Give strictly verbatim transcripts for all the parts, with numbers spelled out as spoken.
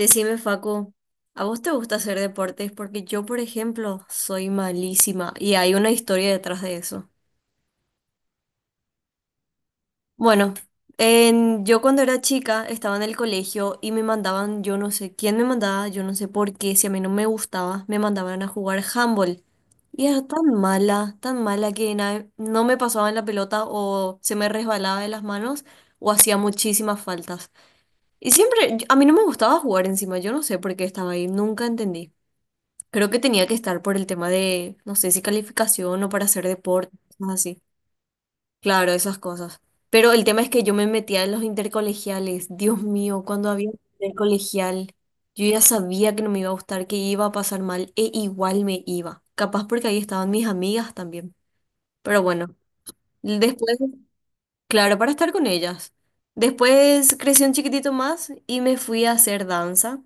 Decime, Facu, ¿a vos te gusta hacer deportes? Porque yo, por ejemplo, soy malísima y hay una historia detrás de eso. Bueno, en- yo cuando era chica estaba en el colegio y me mandaban, yo no sé quién me mandaba, yo no sé por qué, si a mí no me gustaba, me mandaban a jugar handball. Y era tan mala, tan mala que na- no me pasaban la pelota o se me resbalaba de las manos o hacía muchísimas faltas. Y siempre, a mí no me gustaba jugar encima, yo no sé por qué estaba ahí, nunca entendí. Creo que tenía que estar por el tema de, no sé si calificación o para hacer deporte, cosas así. Claro, esas cosas. Pero el tema es que yo me metía en los intercolegiales. Dios mío, cuando había intercolegial, yo ya sabía que no me iba a gustar, que iba a pasar mal, e igual me iba. Capaz porque ahí estaban mis amigas también. Pero bueno, después, claro, para estar con ellas. Después crecí un chiquitito más y me fui a hacer danza.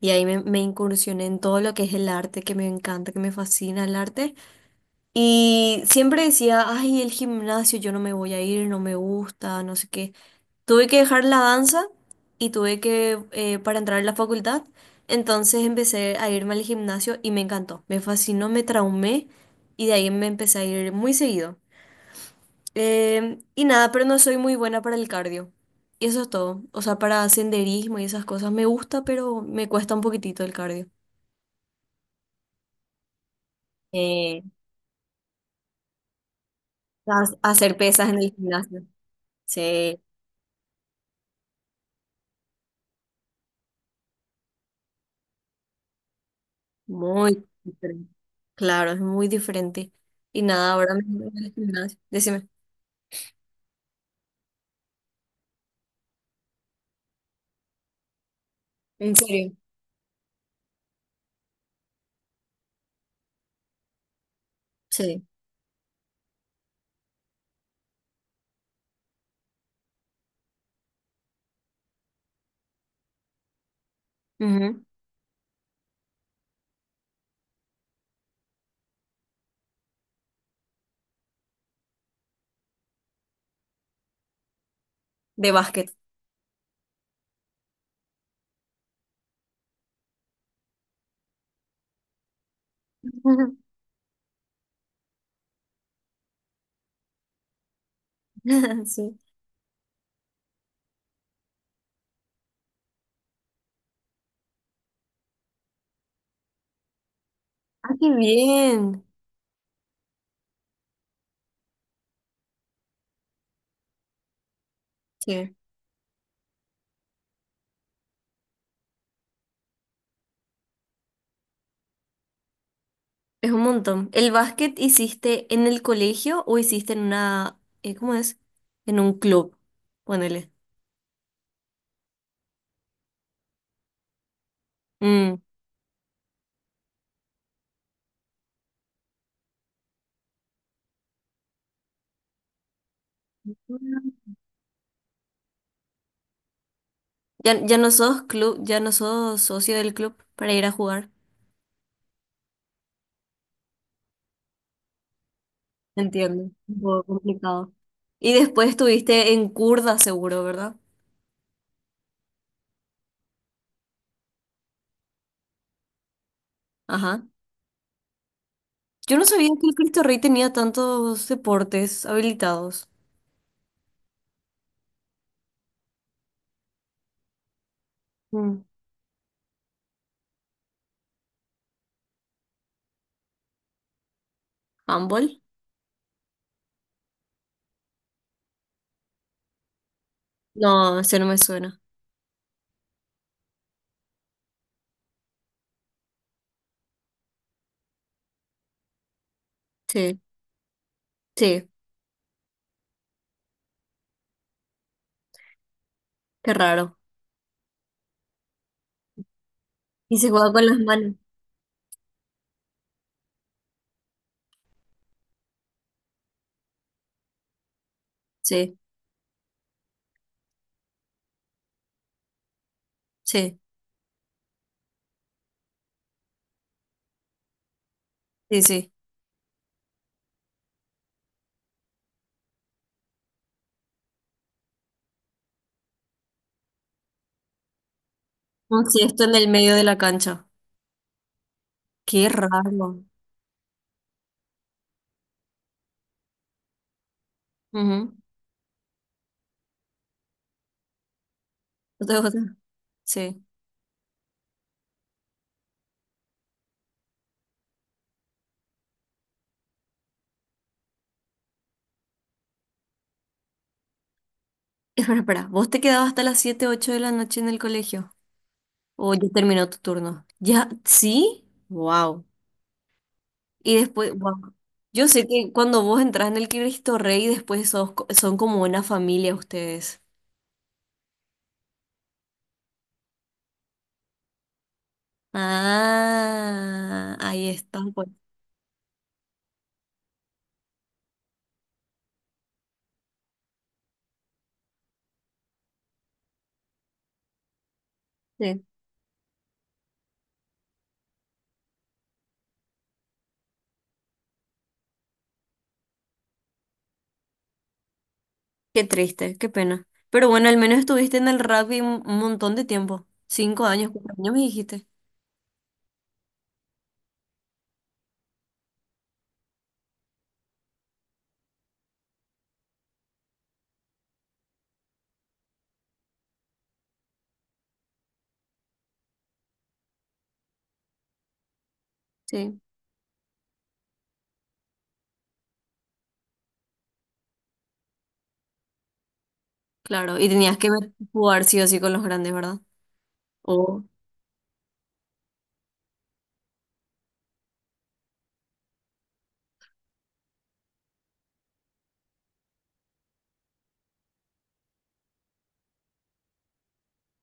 Y ahí me, me incursioné en todo lo que es el arte, que me encanta, que me fascina el arte. Y siempre decía, ay, el gimnasio, yo no me voy a ir, no me gusta, no sé qué. Tuve que dejar la danza y tuve que, eh, para entrar a la facultad, entonces empecé a irme al gimnasio y me encantó, me fascinó, me traumé y de ahí me empecé a ir muy seguido. Eh, y nada, pero no soy muy buena para el cardio. Y eso es todo. O sea, para senderismo y esas cosas me gusta, pero me cuesta un poquitito el cardio. Eh, ha- Hacer pesas en el gimnasio. Sí. Muy diferente. Claro, es muy diferente. Y nada, ahora mismo en el gimnasio. Decime. ¿En serio? Sí. Ujú. De básquet. Sí. Ah, qué bien. Sí. Es un montón. ¿El básquet hiciste en el colegio o hiciste en una, eh, cómo es? En un club. Ponele. Mm. Mm. Ya, ya no sos club, ya no sos socio del club para ir a jugar. Entiendo. Un poco complicado. Y después estuviste en Curda, seguro, ¿verdad? Ajá. Yo no sabía que el Cristo Rey tenía tantos deportes habilitados. Mm. ¿Handball? No, ese no me suena. Sí, sí, qué raro. Y se juega con las manos. Sí, sí, sí, sí. Un esto en el medio de la cancha. Qué raro. Ujú. ¿No te gusta? Sí. Espera, espera. ¿Vos te quedabas hasta las siete, ocho de la noche en el colegio? ¿O ya terminó tu turno? ¿Ya? ¿Sí? Wow. Y después, wow. Yo sé que cuando vos entras en el Cristo Rey, después sos co- son como una familia ustedes. Ah, ahí está, pues. Sí. Qué triste, qué pena. Pero bueno, al menos estuviste en el rugby un un montón de tiempo. Cinco años, cuatro años me dijiste. Sí, claro. Y tenías que ver- jugar sí o sí con los grandes, ¿verdad? O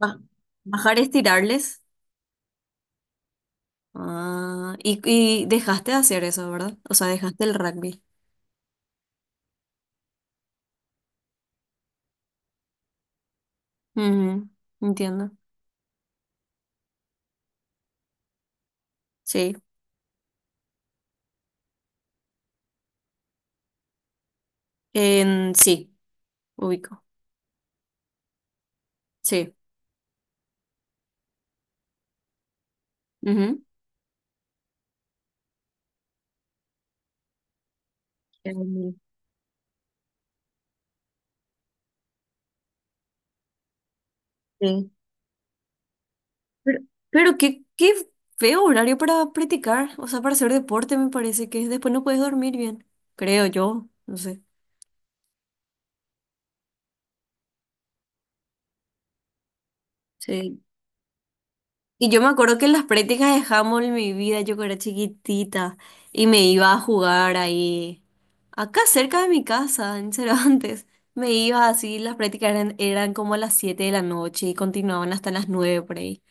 ba- bajar, estirarles. Ah, y, y dejaste de hacer eso, ¿verdad? O sea, dejaste el rugby. Ujú, entiendo. Sí. En, sí, ubico. Sí. Ujú. Em, Sí. Pero, pero qué, qué feo horario para practicar, o sea, para hacer deporte me parece que después no puedes dormir bien, creo yo, no sé. Sí. Y yo me acuerdo que en las prácticas de handball mi vida, yo que era chiquitita, y me iba a jugar ahí, acá cerca de mi casa, en Cervantes. Me iba así, las prácticas eran, eran como a las siete de la noche y continuaban hasta las nueve por ahí.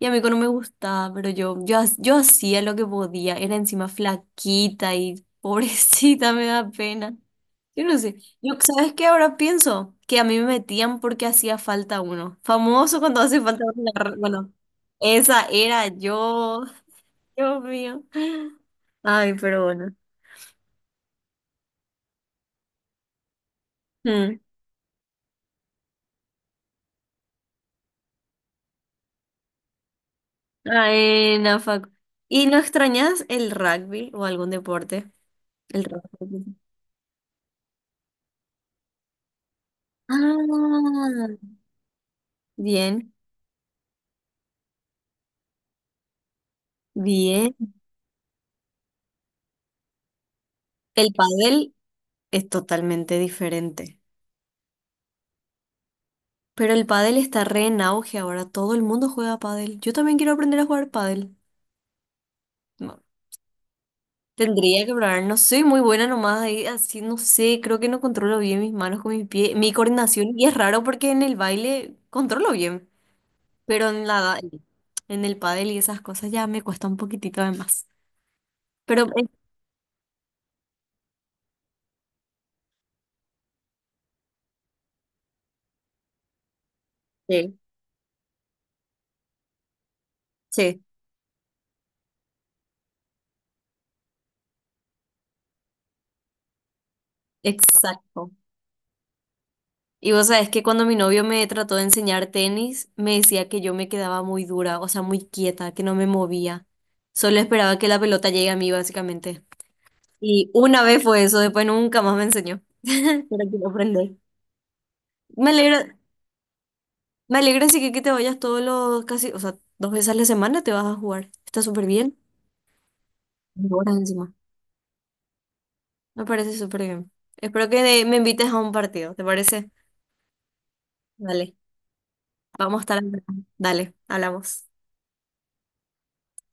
Y a mí que no me gustaba, pero yo, yo, ha- yo hacía lo que podía, era encima flaquita y pobrecita, me da pena. Yo no sé. Yo, ¿sabes qué ahora pienso? Que a mí me metían porque hacía falta uno. Famoso cuando hace falta uno. en la re- Bueno, esa era yo, Dios mío. Ay, pero bueno. Mm. Ay, no, fuck. ¿Y no extrañas el rugby o algún deporte? El rugby. Ah, bien, bien. El pádel es totalmente diferente. Pero el pádel está re en auge ahora. Todo el mundo juega pádel. Yo también quiero aprender a jugar pádel. Tendría que probar, no soy muy buena nomás ahí, así no sé, creo que no controlo bien mis manos con mis pies, mi coordinación, y es raro porque en el baile controlo bien, pero en la, da- en el pádel y esas cosas ya me cuesta un poquitito de más. Pero eh, sí, sí, exacto. Y vos sabés que cuando mi novio me trató de enseñar tenis, me decía que yo me quedaba muy dura, o sea, muy quieta, que no me movía. Solo esperaba que la pelota llegue a mí, básicamente. Y una vez fue eso, después nunca más me enseñó. Pero quiero aprender. Me alegra, me alegra así que, que te vayas todos los casi, o sea, dos veces a la semana te vas a jugar. Está súper bien. Dos horas encima. Me parece súper bien. Espero que me invites a un partido, ¿te parece? Dale, vamos a estar. Dale, hablamos.